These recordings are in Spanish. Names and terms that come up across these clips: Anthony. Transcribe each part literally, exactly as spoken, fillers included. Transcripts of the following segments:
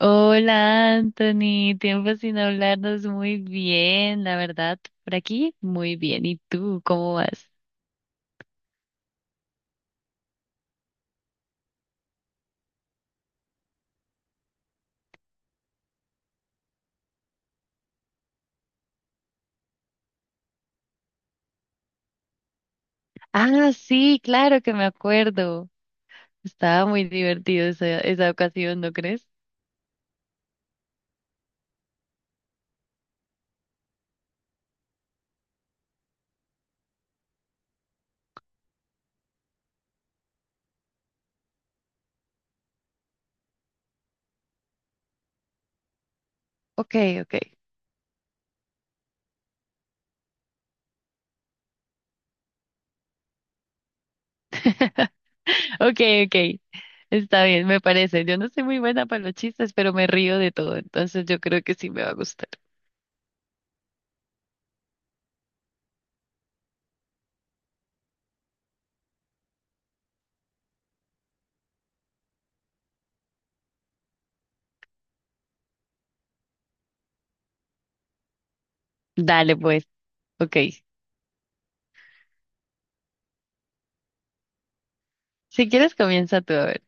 Hola Anthony, tiempo sin hablarnos muy bien, la verdad, por aquí muy bien. ¿Y tú cómo vas? Ah, sí, claro que me acuerdo. Estaba muy divertido esa, esa ocasión, ¿no crees? Ok, ok. Ok, ok. Está bien, me parece. Yo no soy muy buena para los chistes, pero me río de todo, entonces yo creo que sí me va a gustar. Dale, pues, ok. Si quieres comienza tú a ver.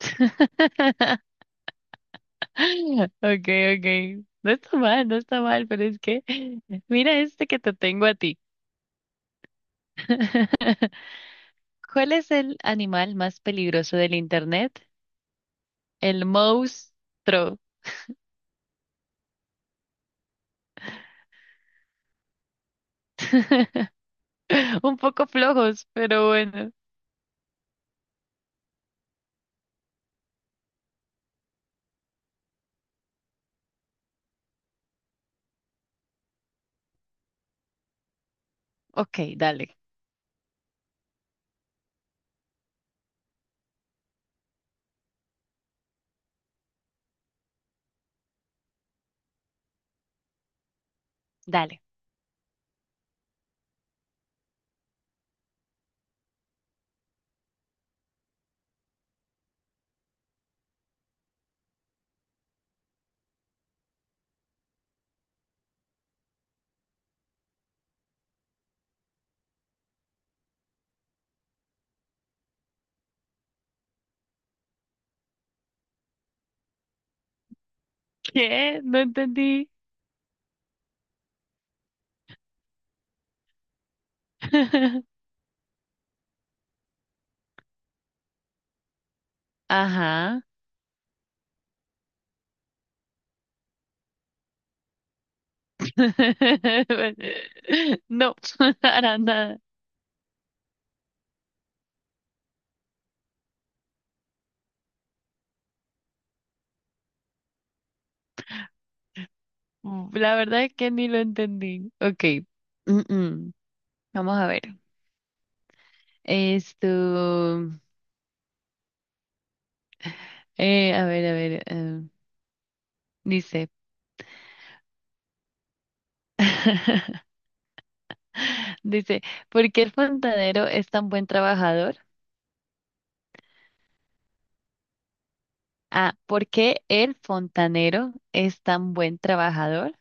Ok, ok. No está mal, no está mal, pero es que mira este que te tengo a ti. ¿Cuál es el animal más peligroso del internet? El monstruo. Un poco flojos, pero bueno. Ok, dale, dale. ¿Qué? No entendí. Ajá. No, para nada. La verdad es que ni lo entendí. Ok. Mm, mm. Vamos a ver. Esto, eh, a ver, a ver, eh, dice, dice, ¿por qué el fontanero es tan buen trabajador? Ah, ¿por qué el fontanero es tan buen trabajador?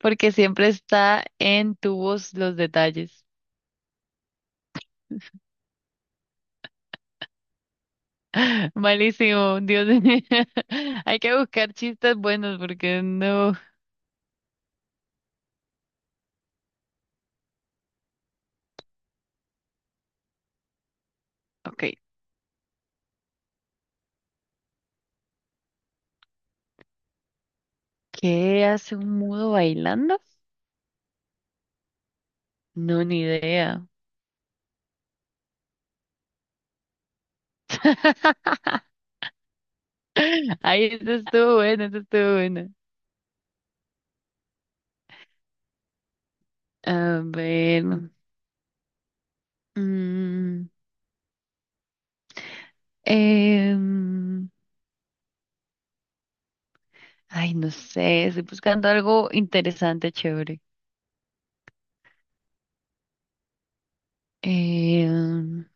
Porque siempre está en tubos los detalles. Malísimo, Dios mío. Hay que buscar chistes buenos porque no. Ok, ¿qué hace un mudo bailando? No, ni idea. Ay, eso estuvo bueno, eso estuvo bueno. A ver. mm, em, ay, no sé, estoy buscando algo interesante, chévere. Em,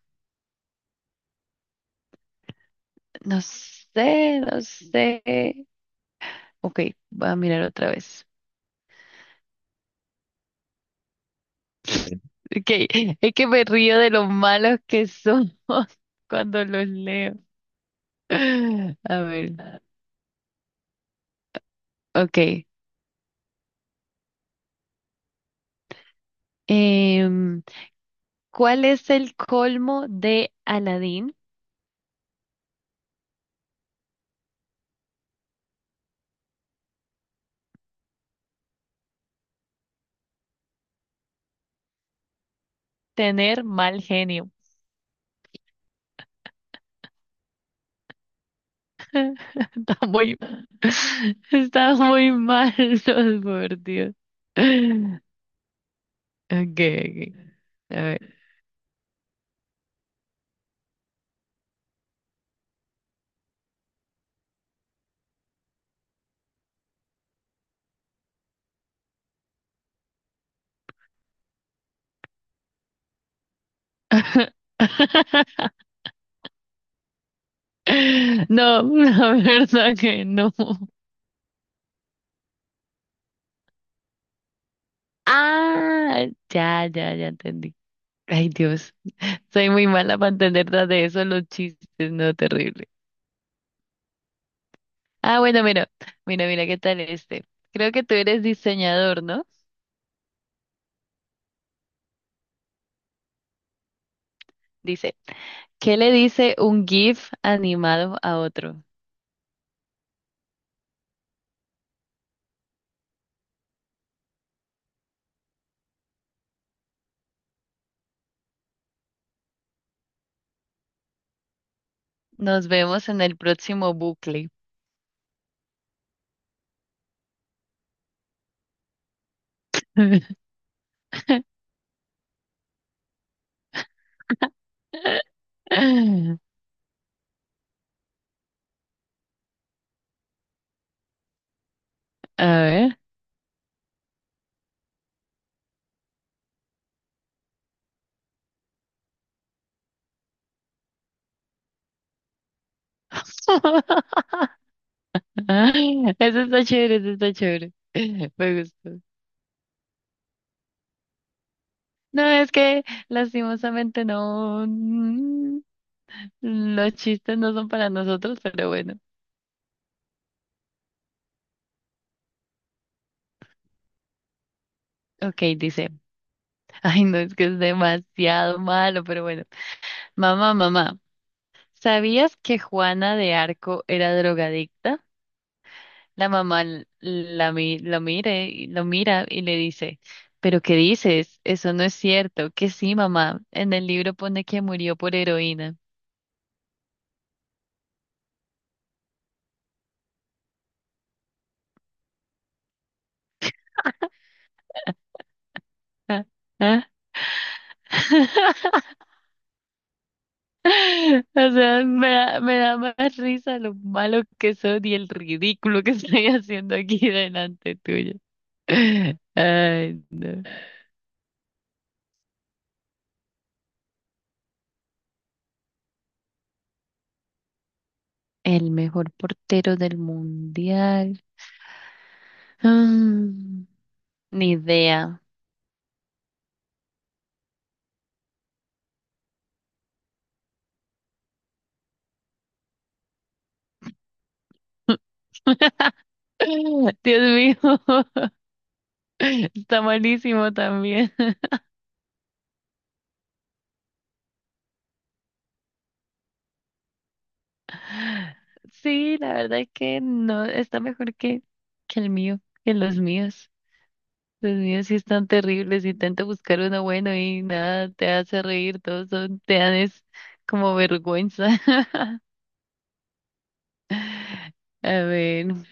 no sé, no sé. Ok, voy a mirar otra vez. Ok, es que me río de lo malos que somos cuando los leo. A ver, ok. Em, ¿cuál es el colmo de Aladín? Tener mal genio. Está muy, está muy mal, no, por Dios. Okay, ok. A ver. No, la verdad que no. Ah, ya, ya, ya entendí. Ay, Dios, soy muy mala para entender nada de eso, los chistes, no, terrible. Ah, bueno, mira, mira, mira, ¿qué tal este? Creo que tú eres diseñador, ¿no? Dice, ¿qué le dice un GIF animado a otro? Nos vemos en el próximo bucle. A ver. Eso está chévere, eso está chévere. Me gustó. No, es que lastimosamente no. mm, Los chistes no son para nosotros, pero bueno. Ok, dice. Ay, no, es que es demasiado malo, pero bueno. Mamá, mamá. ¿Sabías que Juana de Arco era drogadicta? La mamá l- la, mi- lo mire, y- lo mira y le dice, ¿pero qué dices? Eso no es cierto. Que sí, mamá. En el libro pone que murió por heroína. Ah, ah. O sea, me da, me da más risa lo malo que son y el ridículo que estoy haciendo aquí delante tuyo. Ay, no. El mejor portero del mundial. Mm, ni idea. Dios mío, está malísimo también. Sí, la verdad es que no, está mejor que, que el mío, que los míos. Los míos sí están terribles, intento buscar uno bueno y nada, te hace reír, todos son, te dan es como vergüenza. A ver,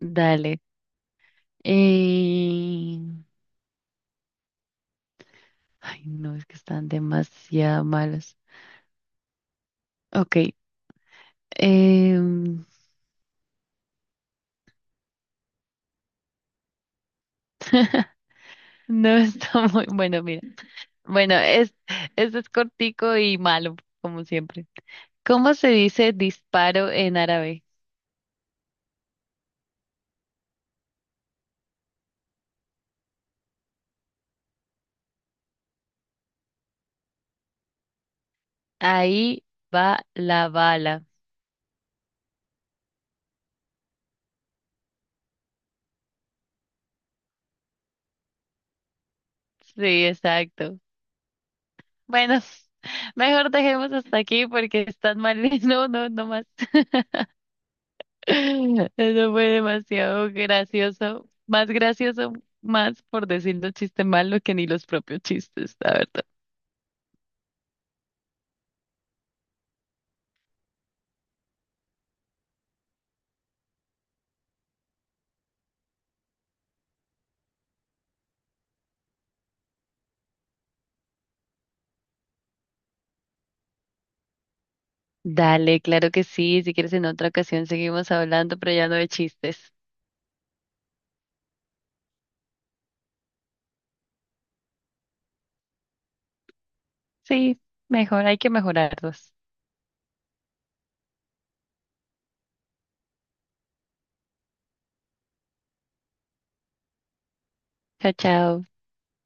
dale. Eh, Ay, no, es que están demasiado malos. Ok, em, no está muy bueno, mira. Bueno, es, este es cortico y malo, como siempre. ¿Cómo se dice disparo en árabe? Ahí va la bala. Sí, exacto. Bueno, mejor dejemos hasta aquí porque están mal. No, no, no más. Eso fue demasiado gracioso. Más gracioso, más por decir los chistes malos que ni los propios chistes, la verdad. Dale, claro que sí. Si quieres en otra ocasión seguimos hablando, pero ya no de chistes. Sí, mejor, hay que mejorarlos. Chao, chao.